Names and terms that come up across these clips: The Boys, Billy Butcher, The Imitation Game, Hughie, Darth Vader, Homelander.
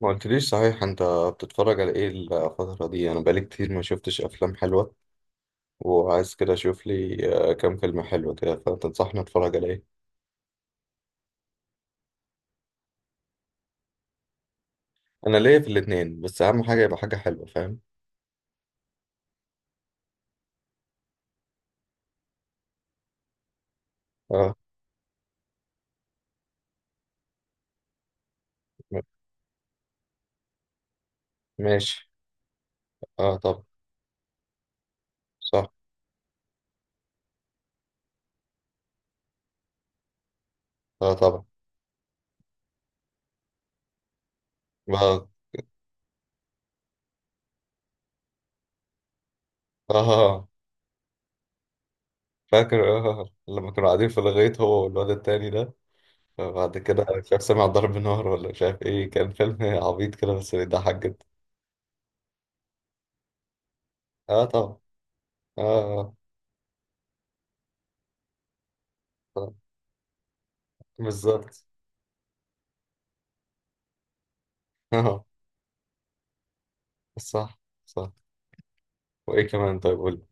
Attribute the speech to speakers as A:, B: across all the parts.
A: ما قلتليش صحيح انت؟ بتتفرج على ايه الفترة دي؟ انا بقالي كتير ما شفتش افلام حلوة وعايز كده اشوف لي كام فيلم حلو كده، فتنصحني اتفرج على ايه؟ انا ليا في الاتنين، بس اهم حاجة يبقى حاجة حلوة، فاهم؟ اه. م- ماشي. اه طبعا. صح. اه طبعا. اه. اه فاكر، لما كانوا قاعدين في الغيط هو والواد التاني ده، فبعد كده مش عارف سمع ضرب نار ولا مش عارف ايه. كان فيلم عبيط كده بس بيضحك جدا. اه طبعا. اه طبعا. بالظبط. صح صح. وايه كمان؟ طيب قول لي.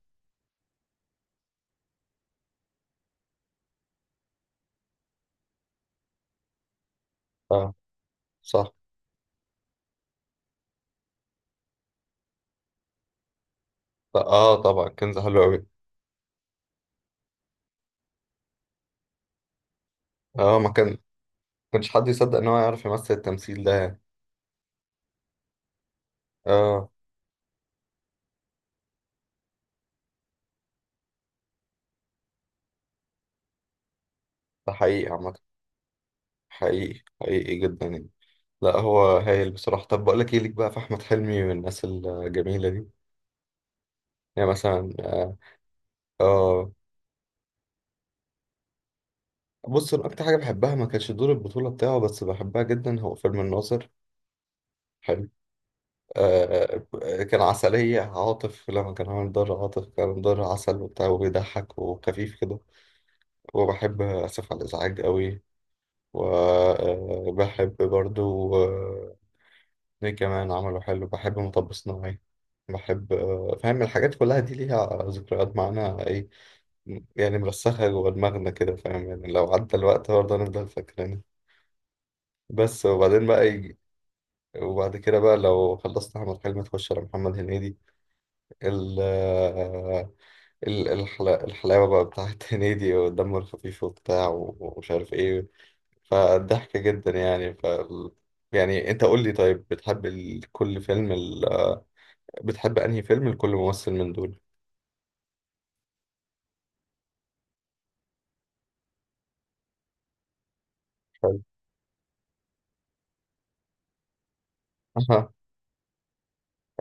A: اه. صح. اه طبعا، كنز حلو قوي. اه ما كانش حد يصدق ان هو يعرف يمثل، التمثيل ده يعني. اه. ده حقيقي عامة. حقيقي حقيقي جدا يعني. لا هو هايل بصراحة. طب بقول لك ايه؟ ليك بقى في احمد حلمي والناس الجميلة دي. يعني مثلا اه آه، بص، انا اكتر حاجة بحبها، ما كانش دور البطولة بتاعه بس بحبها جدا، هو فيلم الناظر. حلو. آه، كان عسلية عاطف لما كان عامل دار عاطف، كان دار عسل وبتاع وبيضحك وخفيف كده. وبحب آسف على الإزعاج قوي. وبحب برضو مين كمان عمله حلو؟ بحب مطب صناعي. بحب فاهم، الحاجات كلها دي ليها ذكريات معانا، ايه يعني مرسخة جوه دماغنا كده، فاهم يعني؟ لو عدى الوقت برضه هنفضل فاكرينها. بس. وبعد كده بقى، لو خلصت أحمد حلمي تخش على محمد هنيدي. ال آه، ال- الحلا- الحلاوة بقى بتاعت هنيدي، والدم الخفيف وبتاع ومش عارف ايه، فضحكة جدا يعني. يعني انت قول لي، طيب بتحب كل فيلم بتحب انهي فيلم لكل ممثل من دول؟ حلو. اها.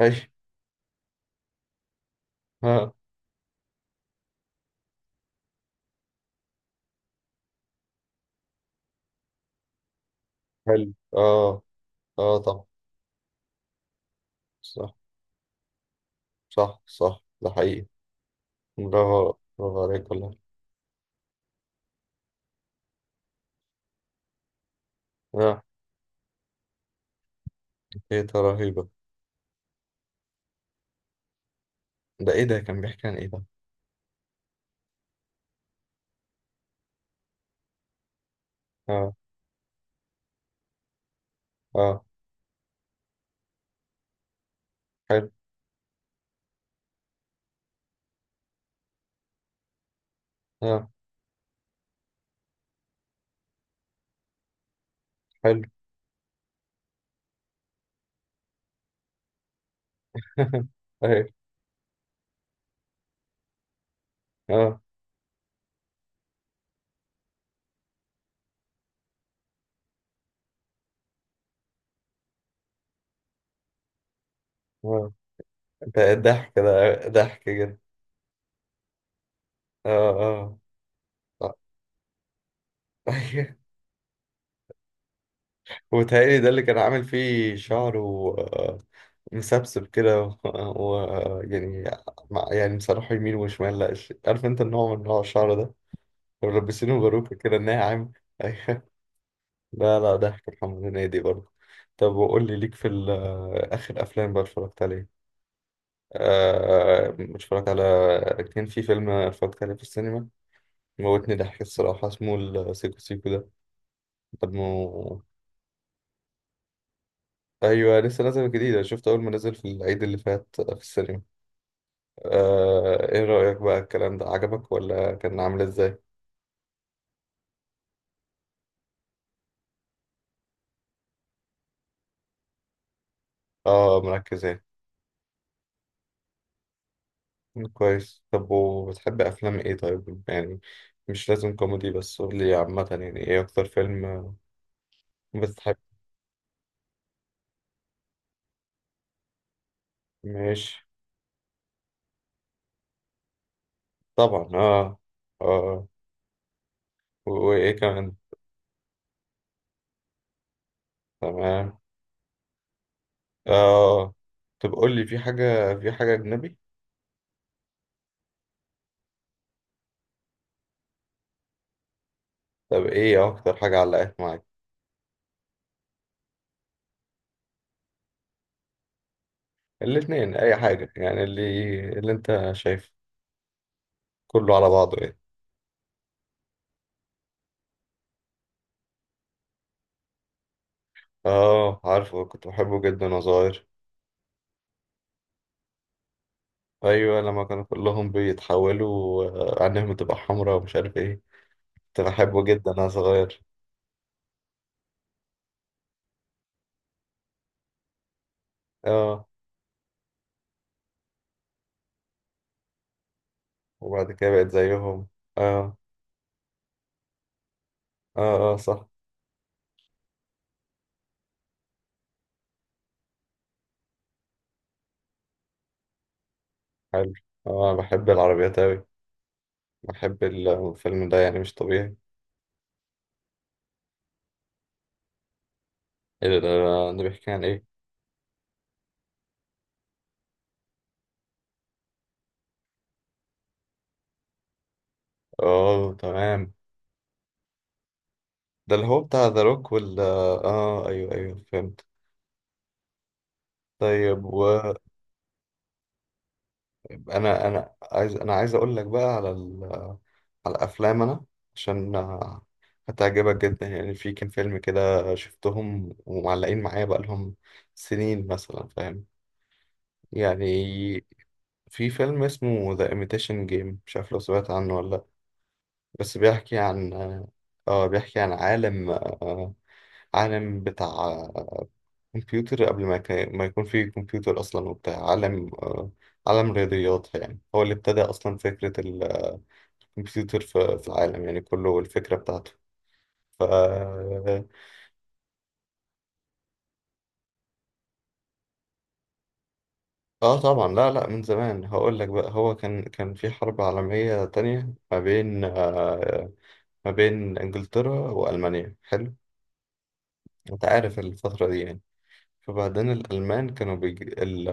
A: ايش؟ ها. حلو. اه. اه طبعا. صح صح صح ده حقيقي. برافو. برافو عليك والله. اه. ايه ده، رهيبة؟ ده ايه ده، كان بيحكي عن ايه ده؟ اه. اه حلو. اه حلو. ايوه. اه. آه. ده ضحك، ده ضحك جدا. اه. اه. ايوه. وتهيألي ده اللي كان عامل فيه شعره آه، مسبسب كده، يعني يعني مسرحه يمين وشمال، لا عارف انت النوع، من نوع الشعر ده، ملبسينه باروكة كده ناعم ايوه. لا لا، ضحك محمد هنيدي برضه. طب وقول لي، ليك في آخر أفلام بقى اتفرجت عليه؟ آه اتفرجت على كان في فيلم اتفرجت عليه في السينما، موتني ضحك الصراحة، اسمه السيكو سيكو ده. طب ما هو- ايوه لسه نازل جديد، انا شفته اول ما نزل في العيد اللي فات في السينما. ايه رأيك بقى، الكلام ده عجبك ولا كان عامل ازاي؟ اه مركز، ايه. كويس. طب وبتحب افلام ايه طيب يعني؟ مش لازم كوميدي، بس قول لي عامة، يعني ايه اكتر فيلم بتحب؟ ماشي. طبعا اه. اه. وايه كمان؟ تمام. اه. طب قول لي، في حاجة اجنبي؟ طب ايه اكتر حاجة علقت معاك؟ الاثنين، اي حاجة يعني، اللي انت شايفه، كله على بعضه ايه. اه عارفه، كنت بحبه جدا وانا صغير. ايوه لما كانوا كلهم بيتحولوا، عينيهم بتبقى حمراء ومش عارف ايه، كنت بحبه جدا وانا صغير. اه. وبعد كده بقيت زيهم. اه اه. اه صح. حلو. اه أنا بحب العربيات اوي، بحب الفيلم ده يعني مش طبيعي. ايه ده، ده بيحكي عن ايه؟ اه تمام. ده اللي هو بتاع ذا روك وال اه آه، ايوه ايوه فهمت. طيب. انا عايز، انا عايز اقول لك بقى على على الافلام، انا عشان هتعجبك جدا يعني. في كام فيلم كده شفتهم ومعلقين معايا بقى لهم سنين، مثلا فاهم يعني. في فيلم اسمه The Imitation Game، مش عارف لو سمعت عنه ولا لا، بس بيحكي عن بيحكي عن عالم، عالم بتاع كمبيوتر قبل ما ما يكون في كمبيوتر اصلا. وبتاع عالم، عالم رياضيات، يعني هو اللي ابتدى اصلا فكرة كمبيوتر في العالم يعني كله، والفكرة بتاعته. ف اه طبعا، لا لا، من زمان. هقول لك بقى، هو كان في حرب عالمية تانية، ما بين ما بين انجلترا والمانيا. حلو. انت عارف الفترة دي يعني. فبعدين الألمان كانوا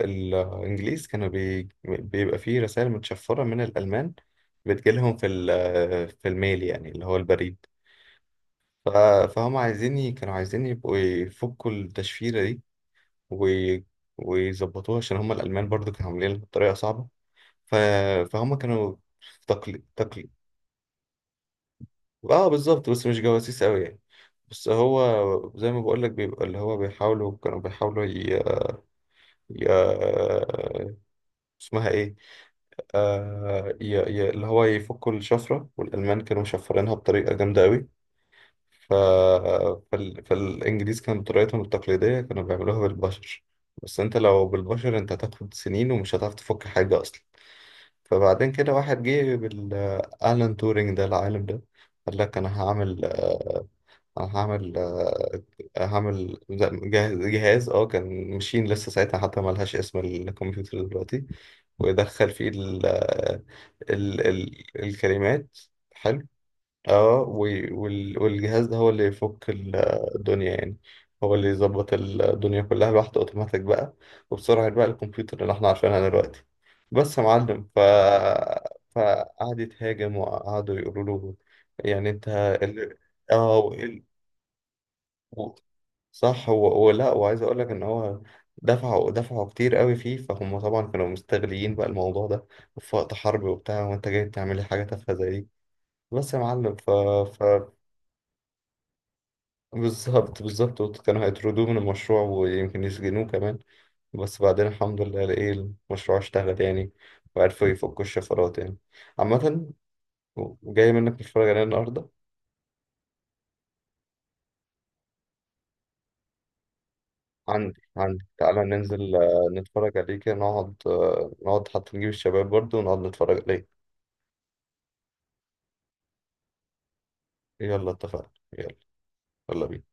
A: الإنجليز كانوا بيبقى فيه رسائل متشفرة من الألمان، بتجيلهم في في الميل يعني، اللي هو البريد. ف... فهم عايزين كانوا عايزين يبقوا يفكوا التشفيرة دي، و- ويظبطوها، عشان هم الألمان برضو كانوا عاملينها بطريقة صعبة. ف... فهم كانوا في تقليد. اه بالظبط، بس مش جواسيس قوي يعني. بس هو زي ما بقول لك، بيبقى اللي هو بيحاولوا، كانوا بيحاولوا ي... اسمها ايه؟ اللي هو يفكوا الشفرة، والألمان كانوا مشفرينها بطريقة جامدة قوي. ف... فالإنجليز كانوا بطريقتهم التقليدية كانوا بيعملوها بالبشر، بس انت لو بالبشر انت هتاخد سنين ومش هتعرف تفك حاجة اصلا. فبعدين كده واحد جه، بالألان تورينج ده، العالم ده. قال لك أنا هعمل أنا هعمل آه، هعمل جهاز، كان ماشين لسه ساعتها، حتى ملهاش اسم الكمبيوتر دلوقتي. ويدخل فيه ال الكلمات. حلو. اه. والجهاز ده هو اللي يفك الدنيا يعني، هو اللي يظبط الدنيا كلها لوحده اوتوماتيك بقى، وبسرعة بقى الكمبيوتر اللي احنا عارفينها دلوقتي، بس يا معلم. فقعد يتهاجم، وقعدوا يقولوا له يعني انت ال... اه و... ال- و... صح، هو ولا؟ وعايز اقول لك ان هو دفعوا كتير قوي فيه، فهم طبعا كانوا مستغلين بقى الموضوع ده في وقت حرب وبتاع، وانت جاي تعمل لي حاجة تافهة زي دي، بس يا معلم. ف... بالظبط بالظبط، كانوا هيطردوه من المشروع ويمكن يسجنوه كمان، بس بعدين الحمد لله، ايه، المشروع اشتغل يعني، وعرفوا يفكوا الشفرات يعني، عامة. جاي منك نتفرج عليه النهاردة. عندي، تعالى ننزل نتفرج عليه كده، نقعد نقعد، حتى نجيب الشباب برضه ونقعد نتفرج عليه. يلا اتفقنا. يلا. يلا بينا.